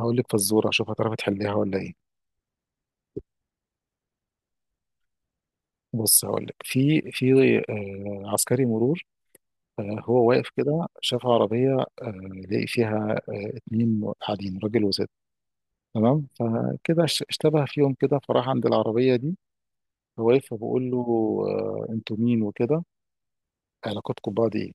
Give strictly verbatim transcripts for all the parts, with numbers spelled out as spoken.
هقول لك فزوره، اشوف هتعرفي تحليها ولا ايه. بص هقول لك في في آه، عسكري مرور. آه، هو واقف كده شاف عربيه، آه، لقي فيها آه، اتنين قاعدين، راجل وست. تمام، فكده اش- اشتبه فيهم كده، فراح عند العربيه دي. هو واقف فبقول له آه، انتوا مين وكده، علاقتكم ببعض ايه.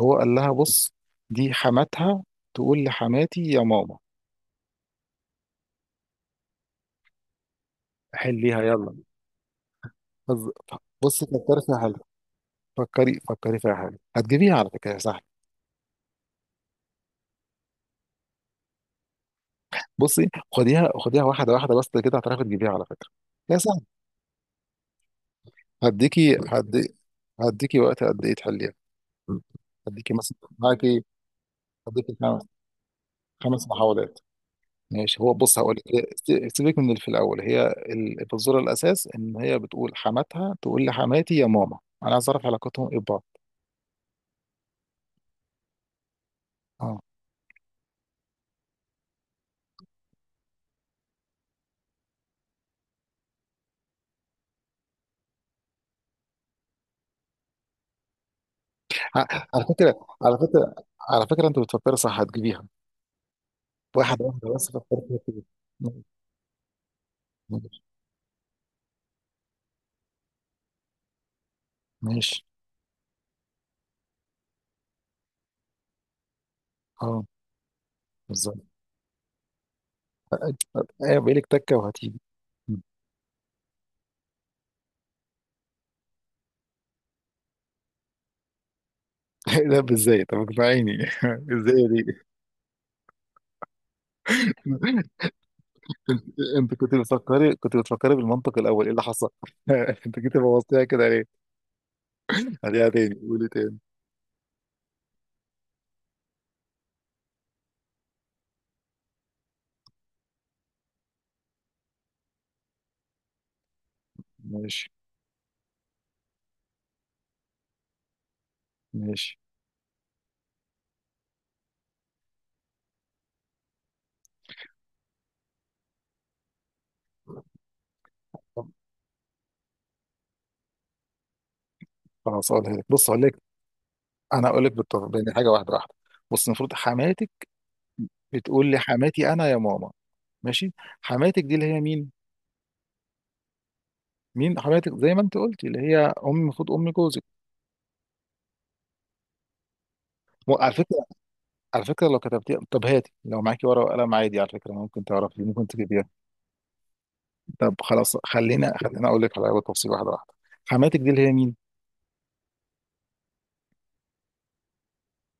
هو قال لها بص، دي حماتها تقول لحماتي يا ماما. حليها يلا. فز- بصي فكري فيها حلو. فكري فكري فيها حلو، هتجيبيها على فكره سهله. بصي خديها خديها واحده واحده بس كده، هتعرفي تجيبيها على فكره، هي سهله. هديكي هدي هديكي وقت قد ايه تحليها؟ هديكي مثلا معاكي هديكي خمس، خمس محاولات. ماشي، هو بص هقول لك. سيبك من اللي في الاول، هي ال- الفزوره الاساس ان هي بتقول حماتها تقول لحماتي يا ماما. انا عايز اعرف علاقتهم ايه ببعض. اه، ع- على فكره، على فكره على فكره انت بتفكر صح، هتجيبيها واحده واحده بس فكرت فيها كده. ماشي. ماشي. اه، بالظبط. ايه بقالك تكه وهتيجي؟ لا ازاي؟ طب اقنعيني. ازاي دي؟ انت انت كنت بتفكري، كنت بتفكري بالمنطق الاول ايه اللي حصل؟ انت جيت بوظتيها كده ليه؟ هديها تاني، قولي تاني. ماشي. ماشي طب خلاص هقولها لك. بص هقول لك. انا هقول لك بالطبع بين حاجه واحده واحده. بص، المفروض حماتك بتقول لي حماتي انا يا ماما. ماشي، حماتك دي اللي هي مين؟ مين حماتك؟ زي ما انت قلتي اللي هي ام، المفروض ام جوزك. م- على فكره، على فكره لو كتبتيها، طب هاتي لو معاكي ورقه وقلم عادي، على فكره ممكن تعرفي، ممكن تجيبيها. طب خلاص، خلينا خلينا اقول لك على تفصيل واحده واحده. حماتك دي اللي هي مين؟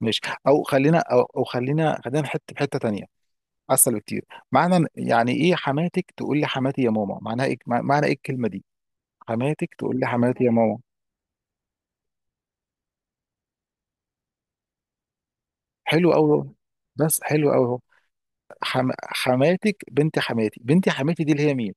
ماشي. او خلينا او, أو خلينا خلينا حته في حته تانيه، اسهل بكتير. معنى إن- يعني ايه حماتك تقول لي حماتي يا ماما؟ معناها ايه؟ مع- معنى ايه الكلمه دي؟ حماتك تقول لي حماتي يا ماما. حلو قوي، بس حلو قوي. حم... حماتك بنت حماتي. بنت حماتي دي اللي هي مين؟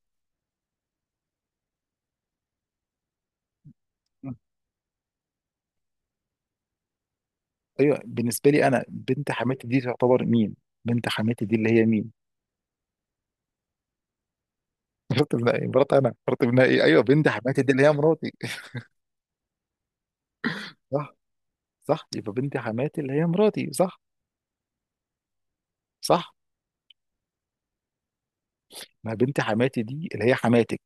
ايوه، بالنسبه لي انا، بنت حماتي دي تعتبر مين؟ بنت حماتي دي اللي هي مين؟ مرات ابنها. ايه مرات؟ انا مرات ابنها؟ ايه؟ ايوه، بنت حماتي دي اللي هي مراتي صح؟ صح، يبقى بنت حماتي اللي هي مراتي صح؟ صح، ما بنت حماتي دي اللي هي حماتك.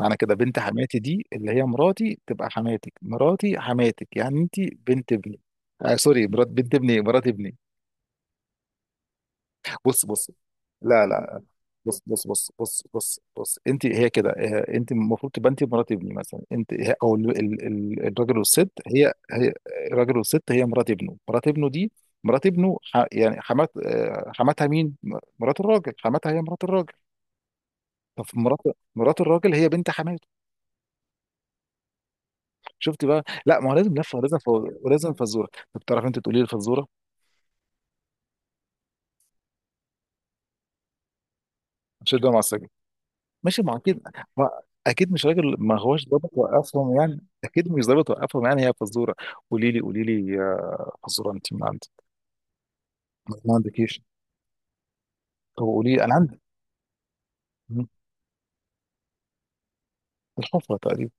معنى كده بنت حماتي دي اللي هي مراتي تبقى حماتك. مراتي حماتك، يعني انت بنت ابني. آه سوري، مرات بنت ابني، مرات ابني. بص بص لا لا، بص بص بص بص بص بص انت هي كده. آه، انت المفروض تبقى انت مرات ابني مثلا. انت هي- او ال- ال- ال- الراجل والست هي هي. الراجل والست هي مرات ابنه. مرات ابنه دي، مرات ابنه ح- يعني حمات آه، حماتها مين؟ مرات الراجل حماتها، هي مرات الراجل. طب مرات، مرات الراجل هي بنت حماته. شفت بقى؟ لا ما هو لازم لفه، ولازم ف... ولازم فزوره. طب تعرف انت تقولي لي الفزوره؟ مش ده مع السجن. ماشي ما هو اكيد. ما... اكيد مش راجل، ما هوش ضابط وقفهم يعني، اكيد مش ضابط وقفهم، يعني هي فزوره. قولي لي قولي لي يا فزوره انت من عندك. ما عندكيش؟ طب قولي لي انا عندي. مم. الحفره تقريبا.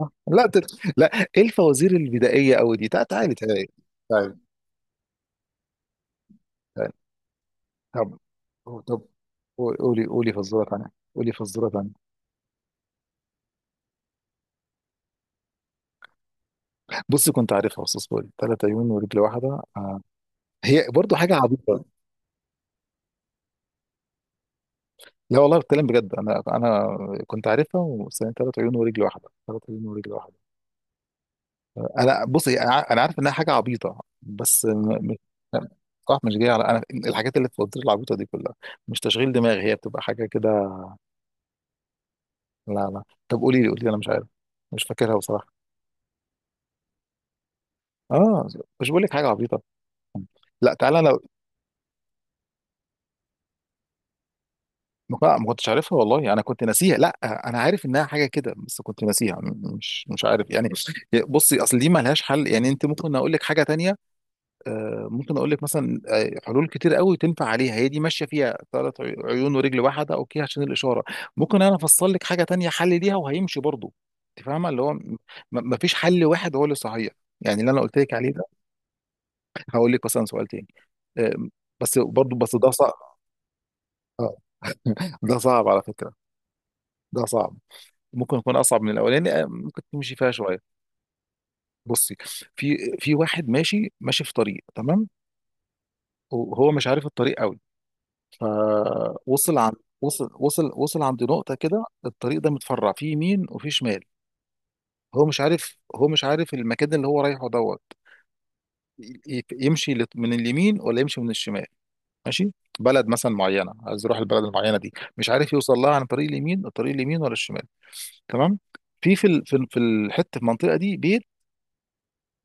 صح؟ لا تل... لا، ايه الفوازير البدائيه قوي دي؟ تع- تعالي تعالي تعالي تعالي. طب طب قولي، قولي فزوره ثانيه، قولي فزوره ثانيه بصي كنت عارفها بس اصبري. ثلاث عيون ورجل واحده. آه. هي برضو حاجه عبيطه. لا والله بتكلم بجد، انا انا كنت عارفها بس، هي ثلاث عيون ورجل واحده، ثلاث عيون ورجل واحده انا بصي انا ع- أنا عارف انها حاجه عبيطه، بس م- م- صح، مش جايه على انا الحاجات اللي في الفوازير العبيطه دي كلها. مش تشغيل دماغ، هي بتبقى حاجه كده. لا لا، طب قولي لي، قولي لي انا مش عارف، مش فاكرها بصراحه. اه، مش بقول لك حاجه عبيطه. لا تعالى أنا، لا ما كنتش عارفها والله، انا كنت ناسيها، لا انا عارف انها حاجه كده بس كنت ناسيها، م- مش مش عارف يعني. بصي اصل دي ما لهاش حل يعني، انت ممكن اقول لك حاجه تانية. آه، ممكن اقول لك مثلا، آه، حلول كتير قوي تنفع عليها. هي دي ماشيه فيها ثلاث عيون ورجل واحده اوكي، عشان الاشاره. ممكن انا افصل لك حاجه تانية حل ليها وهيمشي برضه. انت فاهمه اللي هو م- ما فيش حل واحد هو اللي صحيح، يعني اللي انا قلت لك عليه ده. هقول لك مثلا سؤال تاني. آه، بس برضه، بس ده صعب. آه، ده صعب على فكره، ده صعب، ممكن يكون اصعب من الاولاني. آه، ممكن تمشي فيها شويه. بصي، في في واحد ماشي ماشي في طريق، تمام، وهو مش عارف الطريق قوي. فوصل عن وصل وصل وصل عند نقطه كده. الطريق ده متفرع في يمين وفي شمال. هو مش عارف هو مش عارف المكان اللي هو رايحه دوت ي- ي- يمشي لت- من اليمين ولا يمشي من الشمال. ماشي، بلد مثلا معينه، عايز يروح البلد المعينه دي، مش عارف يوصل لها عن طريق اليمين، الطريق اليمين ولا الشمال. تمام، في في ال- في ال- في الحته في المنطقه دي بيت.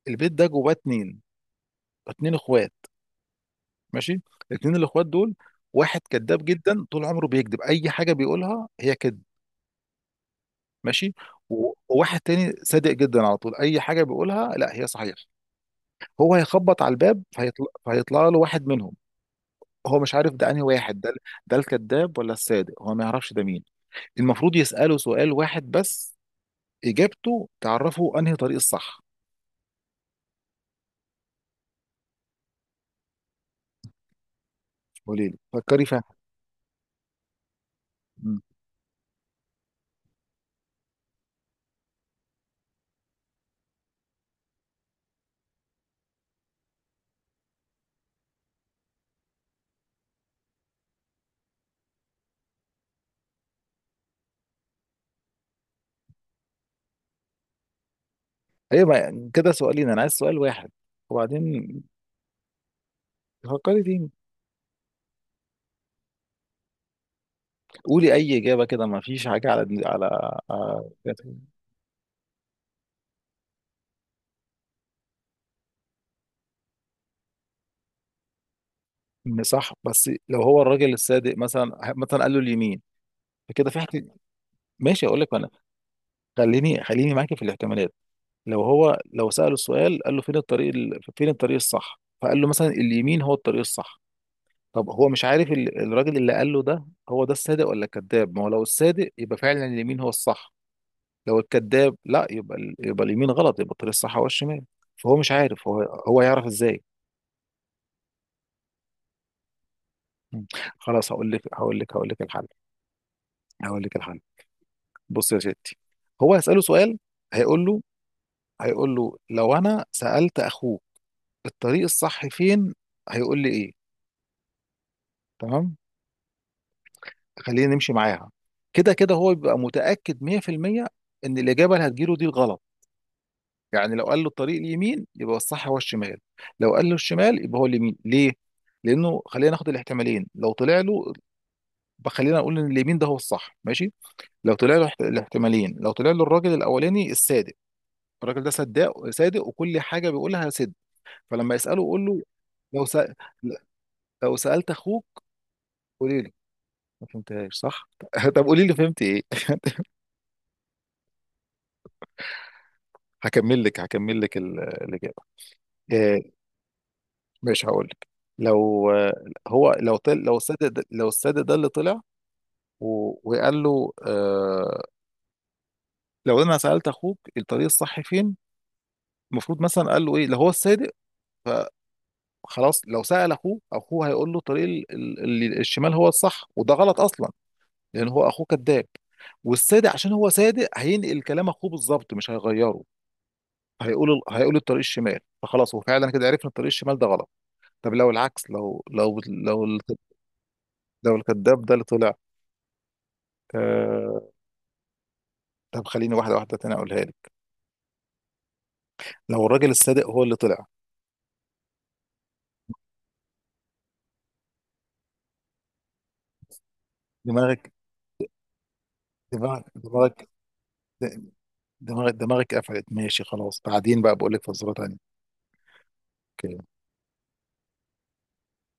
البيت ده جواه اتنين، اتنين اخوات. ماشي، اتنين الاخوات دول، واحد كذاب جدا، طول عمره بيكذب، اي حاجه بيقولها هي كذب. ماشي. و- وواحد تاني صادق جدا على طول، اي حاجه بيقولها لا هي صحيح. هو هيخبط على الباب، فهيطلع فهيطلع له واحد منهم. هو مش عارف ده انهي واحد ده، ده الكذاب ولا الصادق، هو ما يعرفش ده مين. المفروض يساله سؤال واحد بس، اجابته تعرفه انهي طريق الصح. قولي لي، فكري فيها. مم. ايوه ما- كده سؤالين، انا عايز سؤال واحد. وبعدين فكري فيه، قولي اي اجابه كده، ما فيش حاجه على، على على- إن صح، بس لو هو الراجل الصادق مثلا، مثلا قال له اليمين، فكده في حاجه. ماشي اقول لك انا، خليني خليني معاكي في الاحتمالات. لو هو لو ساله السؤال، قال له فين الطريق ال- فين الطريق الصح، فقال له مثلا اليمين هو الطريق الصح. طب هو مش عارف ال- الراجل اللي قال له ده هو ده الصادق ولا الكذاب. ما هو لو الصادق يبقى فعلا اليمين هو الصح، لو الكذاب لا يبقى ال- يبقى اليمين غلط، يبقى الطريق الصح هو الشمال. فهو مش عارف هو، هو يعرف ازاي؟ مم. خلاص هقول لك هقول لك هقول لك الحل. هقول لك الحل. بص يا ستي، هو هيسأله سؤال. هيقول له هيقول له لو انا سألت اخوك الطريق الصح فين، هيقول لي ايه؟ تمام، خلينا نمشي معاها. كده كده هو بيبقى متأكد مية في المية ان الإجابة اللي هتجيله دي الغلط. يعني لو قال له الطريق اليمين يبقى الصح هو الشمال، لو قال له الشمال يبقى هو اليمين. ليه؟ لأنه خلينا ناخد الاحتمالين، لو طلع له، خلينا نقول ان اليمين ده هو الصح ماشي، لو طلع له احت- الاحتمالين، لو طلع له الراجل الاولاني الصادق، الراجل ده صداق صادق وكل حاجه بيقولها صدق، فلما يساله قول له، لو سأ... لو سالت اخوك. قولي لي، ما فهمتهاش صح؟ طب قولي لي فهمت ايه؟ هكمل لك هكمل لك ال- الاجابه. آه، مش هقول لك، لو آه، هو لو طل... لو الصادق ده... لو الصادق ده اللي طلع، و... وقال له، آه... لو انا سالت اخوك الطريق الصح فين، المفروض مثلا قال له ايه لو هو الصادق؟ خلاص، لو سأل اخوه، اخوه هيقول له طريق ال- ال- ال- الشمال هو الصح، وده غلط اصلا لان هو اخوه كذاب، والصادق عشان هو صادق هينقل كلام اخوه بالظبط مش هيغيره. هيقول ال- هيقول الطريق الشمال، فخلاص هو فعلا كده عرفنا الطريق الشمال ده غلط. طب لو العكس، لو لو لو ال- لو الكذاب ده اللي طلع. آه، طب خليني واحده واحده تاني اقولها لك. لو الراجل الصادق هو اللي طلع. دماغك، دماغك دماغك دماغك دماغك قفلت ماشي، خلاص بعدين بقى بقول لك فزوره تانيه.